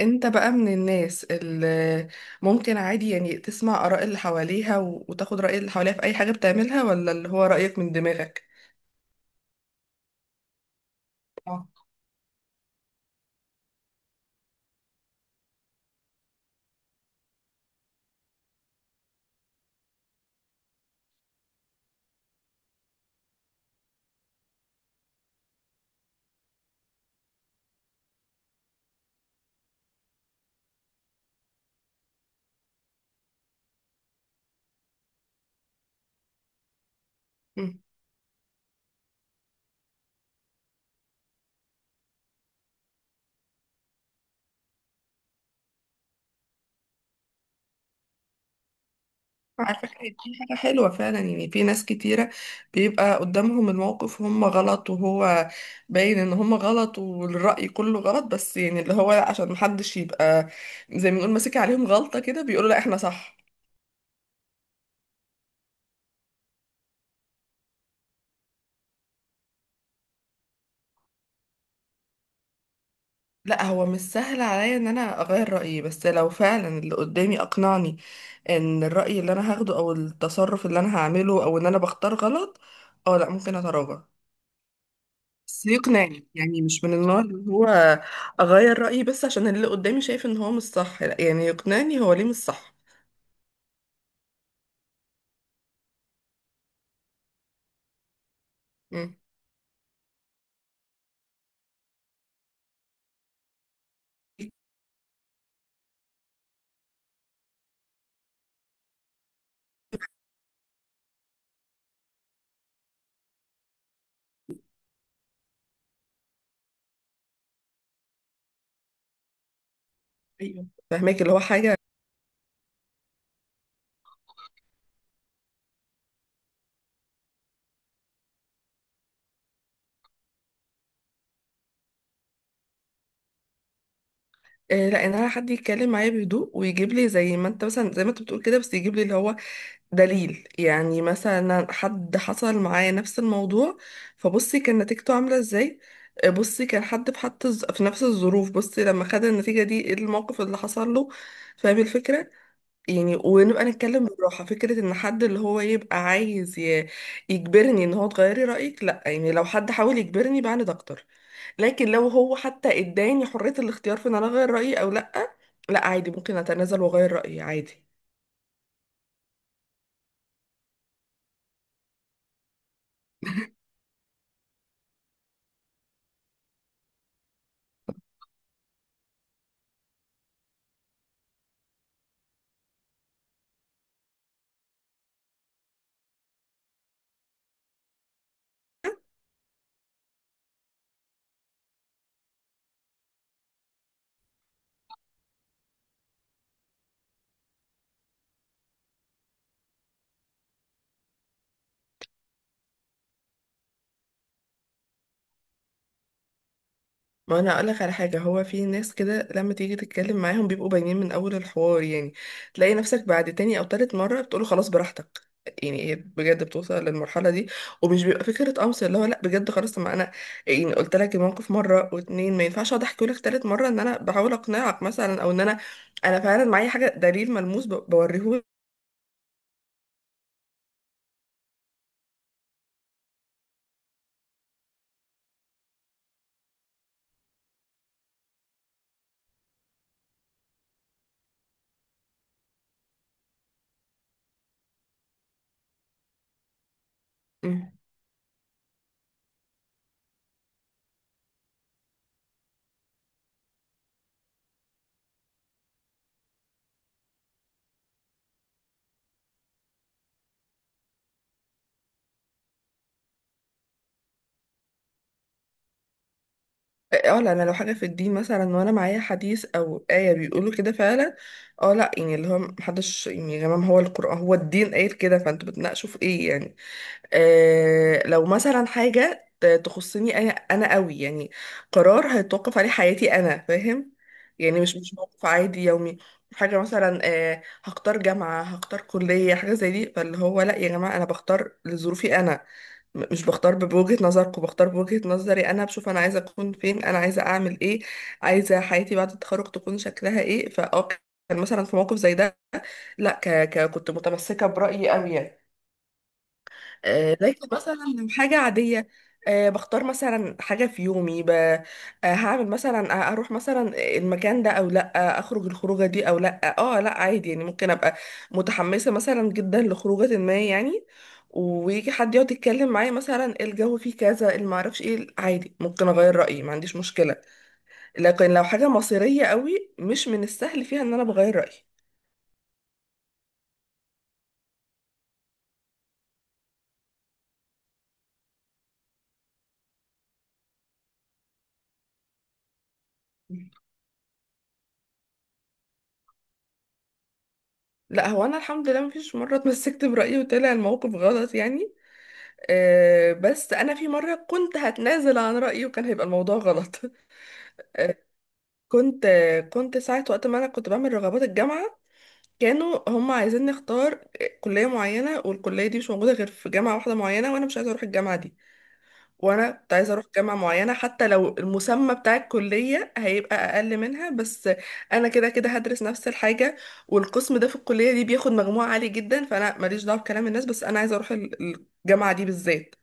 انت بقى من الناس اللي ممكن عادي يعني تسمع آراء اللي حواليها وتاخد رأي اللي حواليها في أي حاجة بتعملها ولا اللي هو رأيك من دماغك؟ اه. مم. على فكرة دي حاجة حلوة فعلا، يعني في ناس كتيرة بيبقى قدامهم الموقف وهم غلط وهو باين ان هم غلط والرأي كله غلط، بس يعني اللي هو لا، عشان محدش يبقى زي ما نقول ماسك عليهم غلطة كده بيقولوا لا احنا صح. لا هو مش سهل عليا ان انا اغير رأيي، بس لو فعلا اللي قدامي اقنعني ان الرأي اللي انا هاخده او التصرف اللي انا هعمله او ان انا بختار غلط، اه لا ممكن اتراجع. بس يقنعني، يعني مش من النوع اللي هو اغير رأيي بس عشان اللي قدامي شايف ان هو مش صح، لا يعني يقنعني هو ليه مش صح. مم. ايوه فهماك اللي هو حاجة. لا، ان انا حد يتكلم معايا بهدوء ويجيب لي زي ما انت مثلا، زي ما انت بتقول كده، بس يجيب لي اللي هو دليل. يعني مثلا حد حصل معايا نفس الموضوع، فبصي كان نتيجته عاملة ازاي. بصي كان حد في، حتى في نفس الظروف، بصي لما خد النتيجة دي ايه الموقف اللي حصل له. فاهم الفكرة. يعني ونبقى نتكلم بالراحة. فكرة ان حد اللي هو يبقى عايز يجبرني ان هو تغيري رأيك، لا، يعني لو حد حاول يجبرني بعند اكتر. لكن لو هو حتى اداني حرية الاختيار في ان انا اغير رأيي او لا، لا عادي ممكن اتنازل واغير رأيي عادي. ما انا اقول لك على حاجه، هو في ناس كده لما تيجي تتكلم معاهم بيبقوا باينين من اول الحوار، يعني تلاقي نفسك بعد تاني او تالت مره بتقوله خلاص براحتك. يعني هي بجد بتوصل للمرحله دي، ومش بيبقى فكره قمص، اللي هو لا بجد خلاص، طب ما انا يعني قلت لك الموقف مره واتنين، ما ينفعش اقعد احكي لك تالت مره ان انا بحاول اقنعك مثلا، او ان انا فعلا معايا حاجه، دليل ملموس بوريهولك. اه لا، انا لو حاجه في الدين مثلا وانا معايا حديث او ايه بيقولوا كده فعلا، اه لا يعني اللي هو محدش يعني، يا جماعه ما هو القران هو الدين قايل كده، فانتوا بتناقشوا في ايه يعني. آه لو مثلا حاجه تخصني انا، انا قوي يعني، قرار هيتوقف عليه حياتي انا، فاهم؟ يعني مش موقف عادي يومي، حاجه مثلا آه هختار جامعه، هختار كليه، حاجه زي دي، فاللي هو لا يا جماعه انا بختار لظروفي انا، مش بختار بوجهة نظركم، بختار بوجهة نظري انا، بشوف انا عايزه اكون فين، انا عايزه اعمل ايه، عايزه حياتي بعد التخرج تكون شكلها ايه، فاه كان مثلا في موقف زي ده، لا كنت متمسكه برأيي قوي يعني. لكن مثلا لو حاجة عادية، بختار مثلا حاجة في يومي، ب... آه، هعمل مثلا، اروح مثلا المكان ده او لا، اخرج الخروجة دي او لا، اه لا عادي يعني، ممكن ابقى متحمسة مثلا جدا لخروجة ما يعني، ويجي حد يقعد يتكلم معايا مثلا الجو فيه كذا اللي معرفش ايه، عادي ممكن اغير رأيي ما عنديش مشكلة. لكن لو حاجة مصيرية قوي مش من السهل فيها ان انا بغير رأيي. لا هو انا الحمد لله مفيش مرة اتمسكت برأيي وطلع الموقف غلط يعني. بس انا في مره كنت هتنازل عن رايي وكان هيبقى الموضوع غلط كنت كنت ساعه وقت ما انا كنت بعمل رغبات الجامعه، كانوا هم عايزين نختار كليه معينه، والكليه دي مش موجوده غير في جامعه واحده معينه، وانا مش عايزه اروح الجامعه دي، وانا كنت عايزه اروح جامعه معينه حتى لو المسمى بتاع الكليه هيبقى اقل منها، بس انا كده كده هدرس نفس الحاجه، والقسم ده في الكليه دي بياخد مجموع عالي جدا، فانا ماليش دعوه بكلام الناس، بس انا عايزه اروح الجامعه دي بالذات.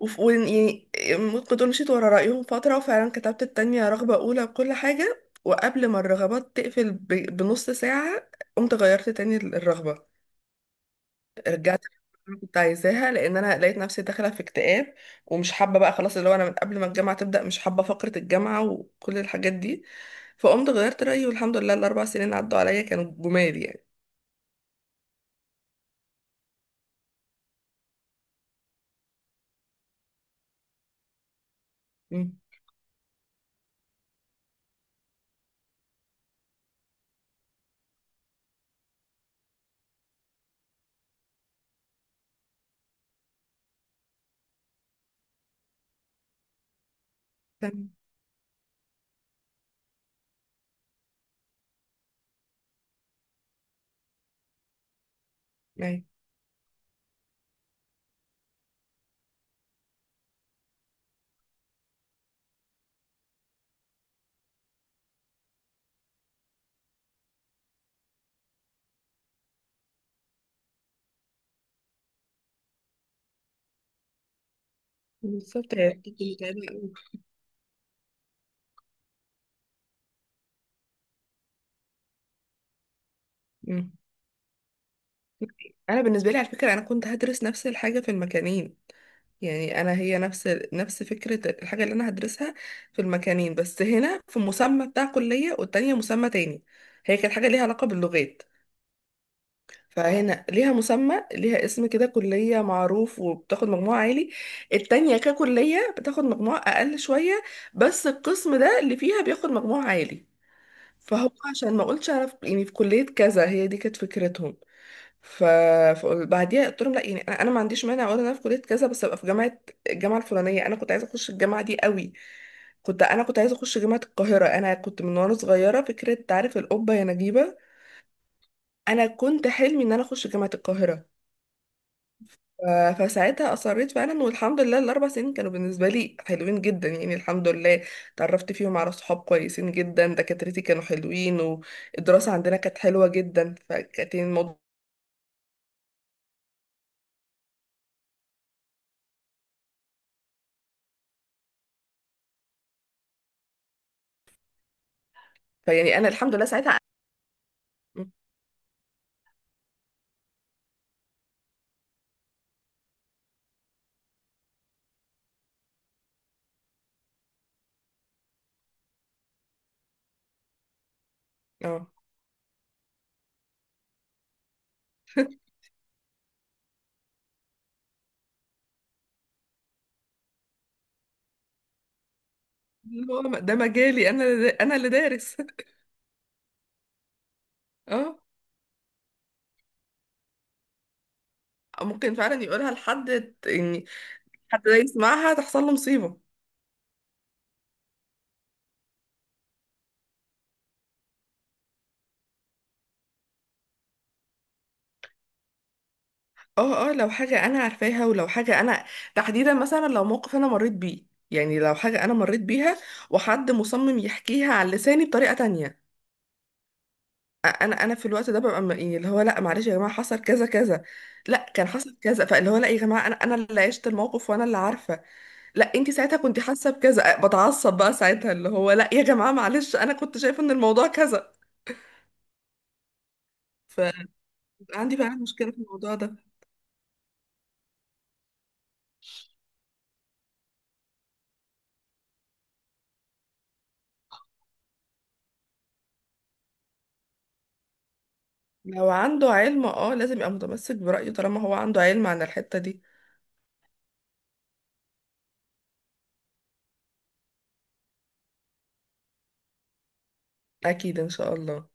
وف- وإن- يعني ممكن تقول مشيت ورا رأيهم فترة، وفعلا كتبت التانية رغبة أولى بكل حاجة، وقبل ما الرغبات تقفل بنص ساعة قمت غيرت تاني الرغبة، رجعت اللي كنت عايزاها، لأن أنا لقيت نفسي داخلة في اكتئاب، ومش حابة بقى خلاص، اللي هو أنا من قبل ما الجامعة تبدأ مش حابة فقرة الجامعة وكل الحاجات دي، فقمت غيرت رأيي، والحمد لله الأربع سنين عدوا عليا كانوا جمال يعني. مم. تمام. يعني بالظبط، هي كنت متعبة أوي. انا بالنسبه لي على فكره انا كنت هدرس نفس الحاجه في المكانين، يعني انا هي نفس فكره الحاجه اللي انا هدرسها في المكانين، بس هنا في مسمى بتاع كليه، والتانية مسمى تاني. هي كانت حاجه ليها علاقه باللغات، فهنا ليها مسمى، ليها اسم كده كليه معروف وبتاخد مجموع عالي. التانية ككليه بتاخد مجموع اقل شويه، بس القسم ده اللي فيها بياخد مجموع عالي، فهو عشان ما اقولش انا يعني في كليه كذا، هي دي كانت فكرتهم. ف فبعديها قلت لهم لا، يعني أنا ما عنديش مانع ولا انا في كليه كذا، بس ابقى في جامعه، الجامعه الفلانيه، انا كنت عايزه اخش الجامعه دي قوي. كنت، انا كنت عايزه اخش جامعه القاهره، انا كنت من وانا صغيره فكره، تعرف القبه يا نجيبه؟ انا كنت حلمي ان انا اخش جامعه القاهره. فساعتها اصريت فعلا، والحمد لله الاربع سنين كانوا بالنسبه لي حلوين جدا، يعني الحمد لله اتعرفت فيهم على صحاب كويسين جدا، دكاترتي كانوا حلوين، والدراسه عندنا كانت حلوه جدا، فكانت الموضوع فيعني انا الحمد لله ساعتها. اه، اللي هو ده مجالي انا، انا اللي دارس اه، ممكن فعلا يقولها لحد، يعني حد ده يسمعها تحصل له مصيبة. اه اه، لو حاجة انا عارفاها، ولو حاجة انا تحديدا مثلا، لو موقف انا مريت بيه، يعني لو حاجة انا مريت بيها وحد مصمم يحكيها على لساني بطريقة تانية، انا في الوقت ده ببقى يعني اللي هو لا معلش يا جماعة، حصل كذا كذا، لا كان حصل كذا، فاللي هو لا يا جماعة انا، انا اللي عشت الموقف وانا اللي عارفة، لا انت ساعتها كنت حاسه بكذا، بتعصب بقى ساعتها، اللي هو لا يا جماعه معلش انا كنت شايفه ان الموضوع كذا. فعندي فعلا مشكله في الموضوع ده. لو عنده علم اه لازم يبقى متمسك برايه، طالما هو عنده علم عن الحته دي. اكيد ان شاء الله.